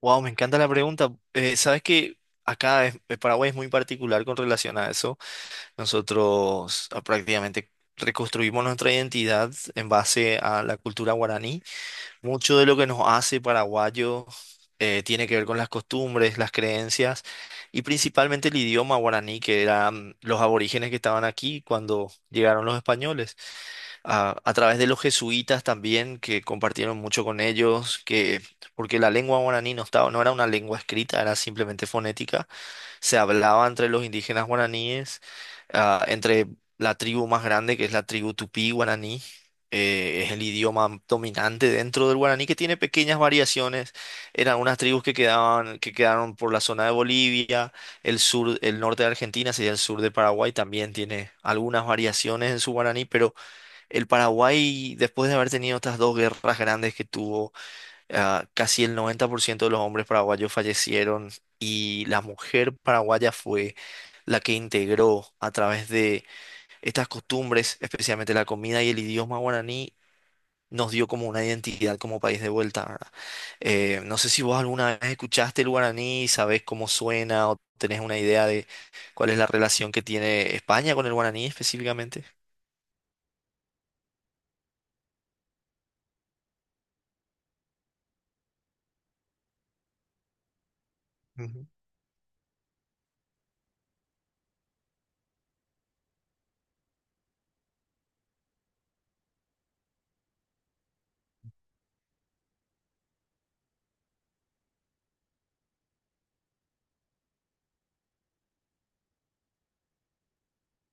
Wow, me encanta la pregunta. Sabes que acá Paraguay es muy particular con relación a eso. Nosotros prácticamente reconstruimos nuestra identidad en base a la cultura guaraní. Mucho de lo que nos hace paraguayos tiene que ver con las costumbres, las creencias y principalmente el idioma guaraní, que eran los aborígenes que estaban aquí cuando llegaron los españoles a través de los jesuitas también, que compartieron mucho con ellos, porque la lengua guaraní no estaba, no era una lengua escrita, era simplemente fonética, se hablaba entre los indígenas guaraníes, entre la tribu más grande, que es la tribu tupí guaraní, es el idioma dominante dentro del guaraní, que tiene pequeñas variaciones, eran unas tribus que quedaban, que quedaron por la zona de Bolivia, el sur, el norte de Argentina, sería el sur de Paraguay, también tiene algunas variaciones en su guaraní, pero el Paraguay, después de haber tenido estas dos guerras grandes que tuvo, casi el 90% de los hombres paraguayos fallecieron y la mujer paraguaya fue la que integró a través de estas costumbres, especialmente la comida y el idioma guaraní, nos dio como una identidad como país de vuelta, ¿verdad? No sé si vos alguna vez escuchaste el guaraní, sabés cómo suena o tenés una idea de cuál es la relación que tiene España con el guaraní específicamente. Ujú,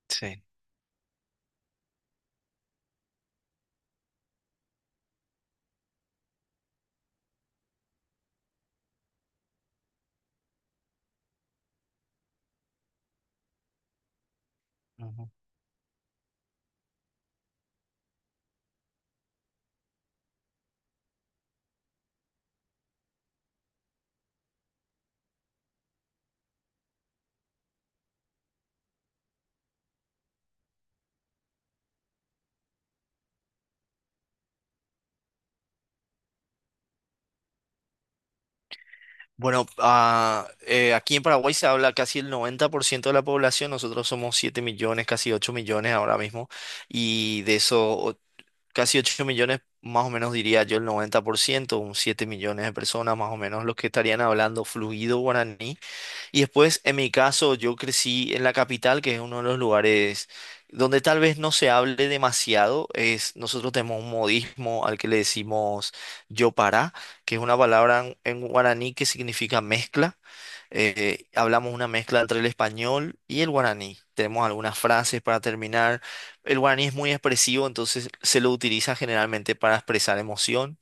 sí. Bueno, aquí en Paraguay se habla casi el 90% de la población, nosotros somos 7 millones, casi 8 millones ahora mismo, y de esos casi 8 millones, más o menos diría yo el 90%, un 7 millones de personas más o menos los que estarían hablando fluido guaraní y después, en mi caso, yo crecí en la capital, que es uno de los lugares donde tal vez no se hable demasiado. Es, nosotros tenemos un modismo al que le decimos yo para, que es una palabra en guaraní que significa mezcla. Hablamos una mezcla entre el español y el guaraní. Tenemos algunas frases para terminar. El guaraní es muy expresivo, entonces se lo utiliza generalmente para expresar emoción,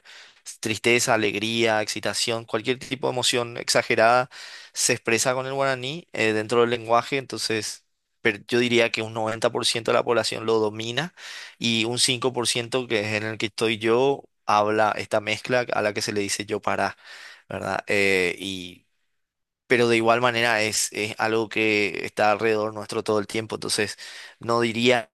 tristeza, alegría, excitación, cualquier tipo de emoción exagerada se expresa con el guaraní dentro del lenguaje, entonces pero yo diría que un 90% de la población lo domina y un 5% que es en el que estoy yo habla esta mezcla a la que se le dice yo para, ¿verdad? Pero de igual manera es algo que está alrededor nuestro todo el tiempo, entonces no diría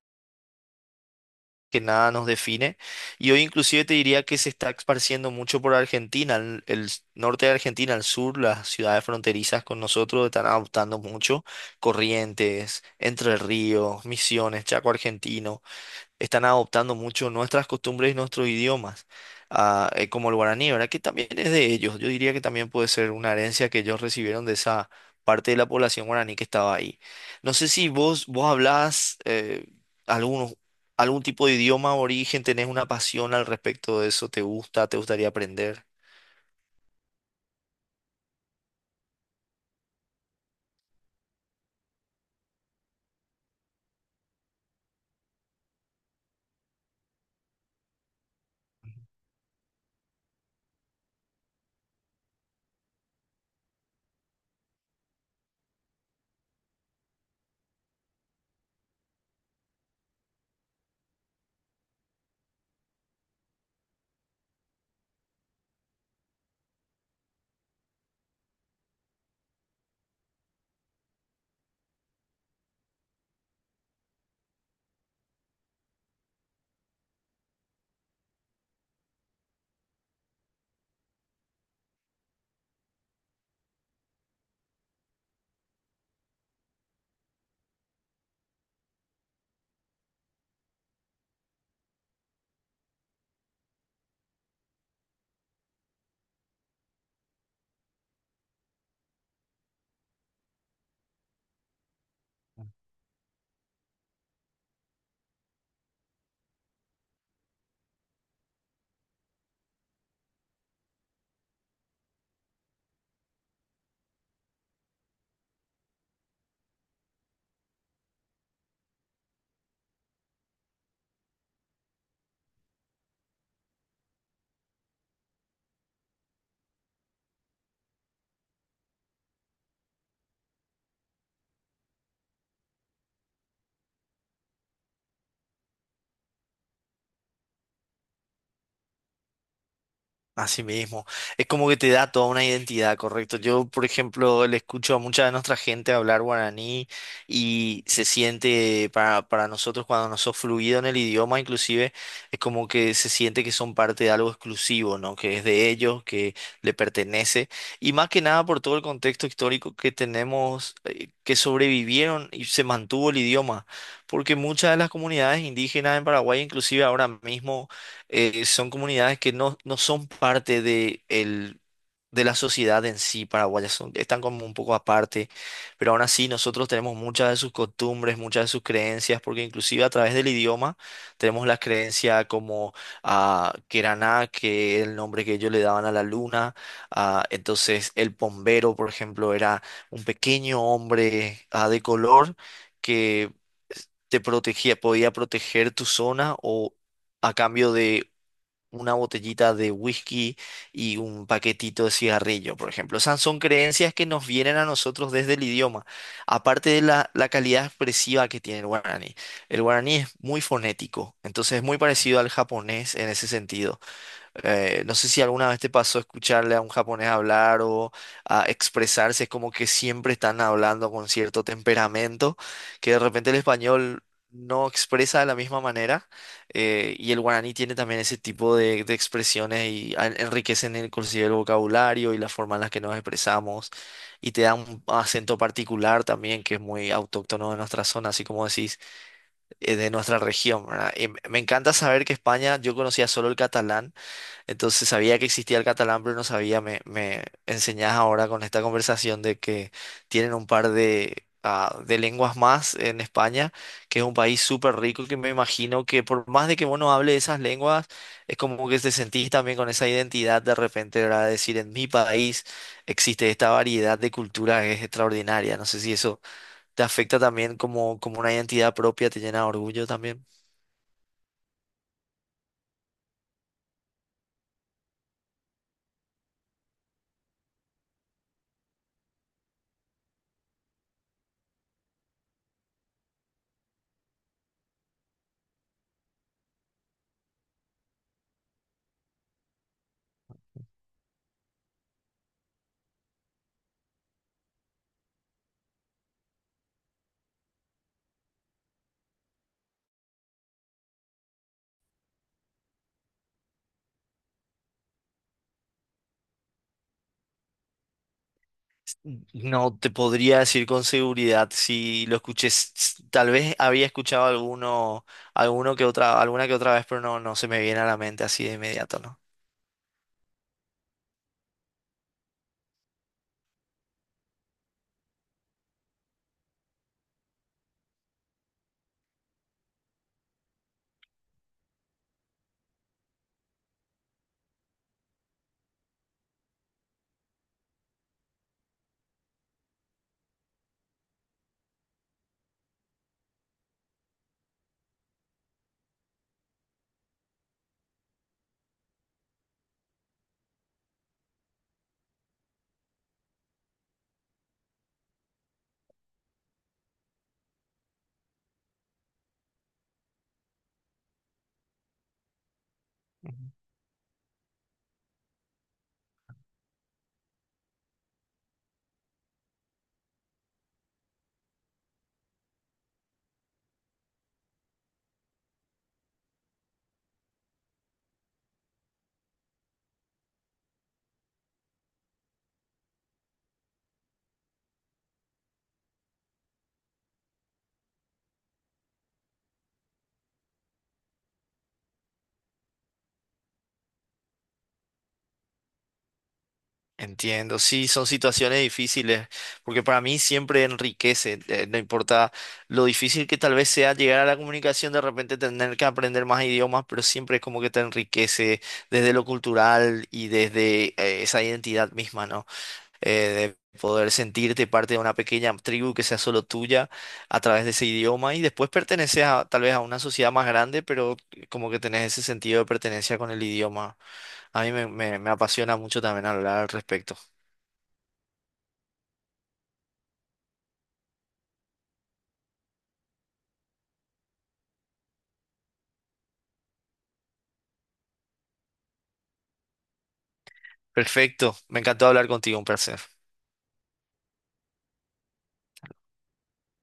que nada nos define. Y hoy inclusive te diría que se está esparciendo mucho por Argentina, el norte de Argentina, el sur, las ciudades fronterizas con nosotros están adoptando mucho. Corrientes, Entre Ríos, Misiones, Chaco argentino están adoptando mucho nuestras costumbres y nuestros idiomas, como el guaraní, ¿verdad? Que también es de ellos. Yo diría que también puede ser una herencia que ellos recibieron de esa parte de la población guaraní que estaba ahí. No sé si vos hablás algunos- algún tipo de idioma origen, tenés una pasión al respecto de eso, ¿te gusta? ¿Te gustaría aprender? Así mismo, es como que te da toda una identidad, correcto. Yo, por ejemplo, le escucho a mucha de nuestra gente hablar guaraní y se siente para nosotros cuando no sos fluido en el idioma, inclusive, es como que se siente que son parte de algo exclusivo, ¿no? Que es de ellos, que le pertenece. Y más que nada por todo el contexto histórico que tenemos, que sobrevivieron y se mantuvo el idioma. Porque muchas de las comunidades indígenas en Paraguay, inclusive ahora mismo son comunidades que no, no son parte de la sociedad en sí paraguaya, están como un poco aparte, pero aún así nosotros tenemos muchas de sus costumbres, muchas de sus creencias, porque inclusive a través del idioma tenemos la creencia como a Queraná, que es el nombre que ellos le daban a la luna. Entonces el pombero, por ejemplo, era un pequeño hombre de color que te protegía, podía proteger tu zona o a cambio de una botellita de whisky y un paquetito de cigarrillo, por ejemplo. Esas son creencias que nos vienen a nosotros desde el idioma, aparte de la calidad expresiva que tiene el guaraní. El guaraní es muy fonético, entonces es muy parecido al japonés en ese sentido. No sé si alguna vez te pasó escucharle a un japonés hablar o a expresarse, es como que siempre están hablando con cierto temperamento, que de repente el español no expresa de la misma manera, y el guaraní tiene también ese tipo de expresiones y enriquecen inclusive el vocabulario y la forma en la que nos expresamos, y te da un acento particular también que es muy autóctono de nuestra zona, así como decís, de nuestra región, ¿verdad? Y me encanta saber que España, yo conocía solo el catalán, entonces sabía que existía el catalán, pero no sabía. Me enseñás ahora con esta conversación de que tienen un par de lenguas más en España, que es un país súper rico, que me imagino que por más de que vos hables esas lenguas, es como que te sentís también con esa identidad de repente, ¿verdad? Decir, en mi país existe esta variedad de cultura que es extraordinaria. No sé si eso te afecta también como una identidad propia, te llena de orgullo también. No te podría decir con seguridad si lo escuché. Tal vez había escuchado alguno, alguno que otra, alguna que otra vez, pero no, no se me viene a la mente así de inmediato, ¿no? Entiendo. Sí, son situaciones difíciles, porque para mí siempre enriquece, no importa lo difícil que tal vez sea llegar a la comunicación, de repente tener que aprender más idiomas, pero siempre es como que te enriquece desde lo cultural y desde, esa identidad misma, ¿no? De poder sentirte parte de una pequeña tribu que sea solo tuya a través de ese idioma y después perteneces a, tal vez a una sociedad más grande, pero como que tenés ese sentido de pertenencia con el idioma. A mí me apasiona mucho también hablar al respecto. Perfecto, me encantó hablar contigo, un placer.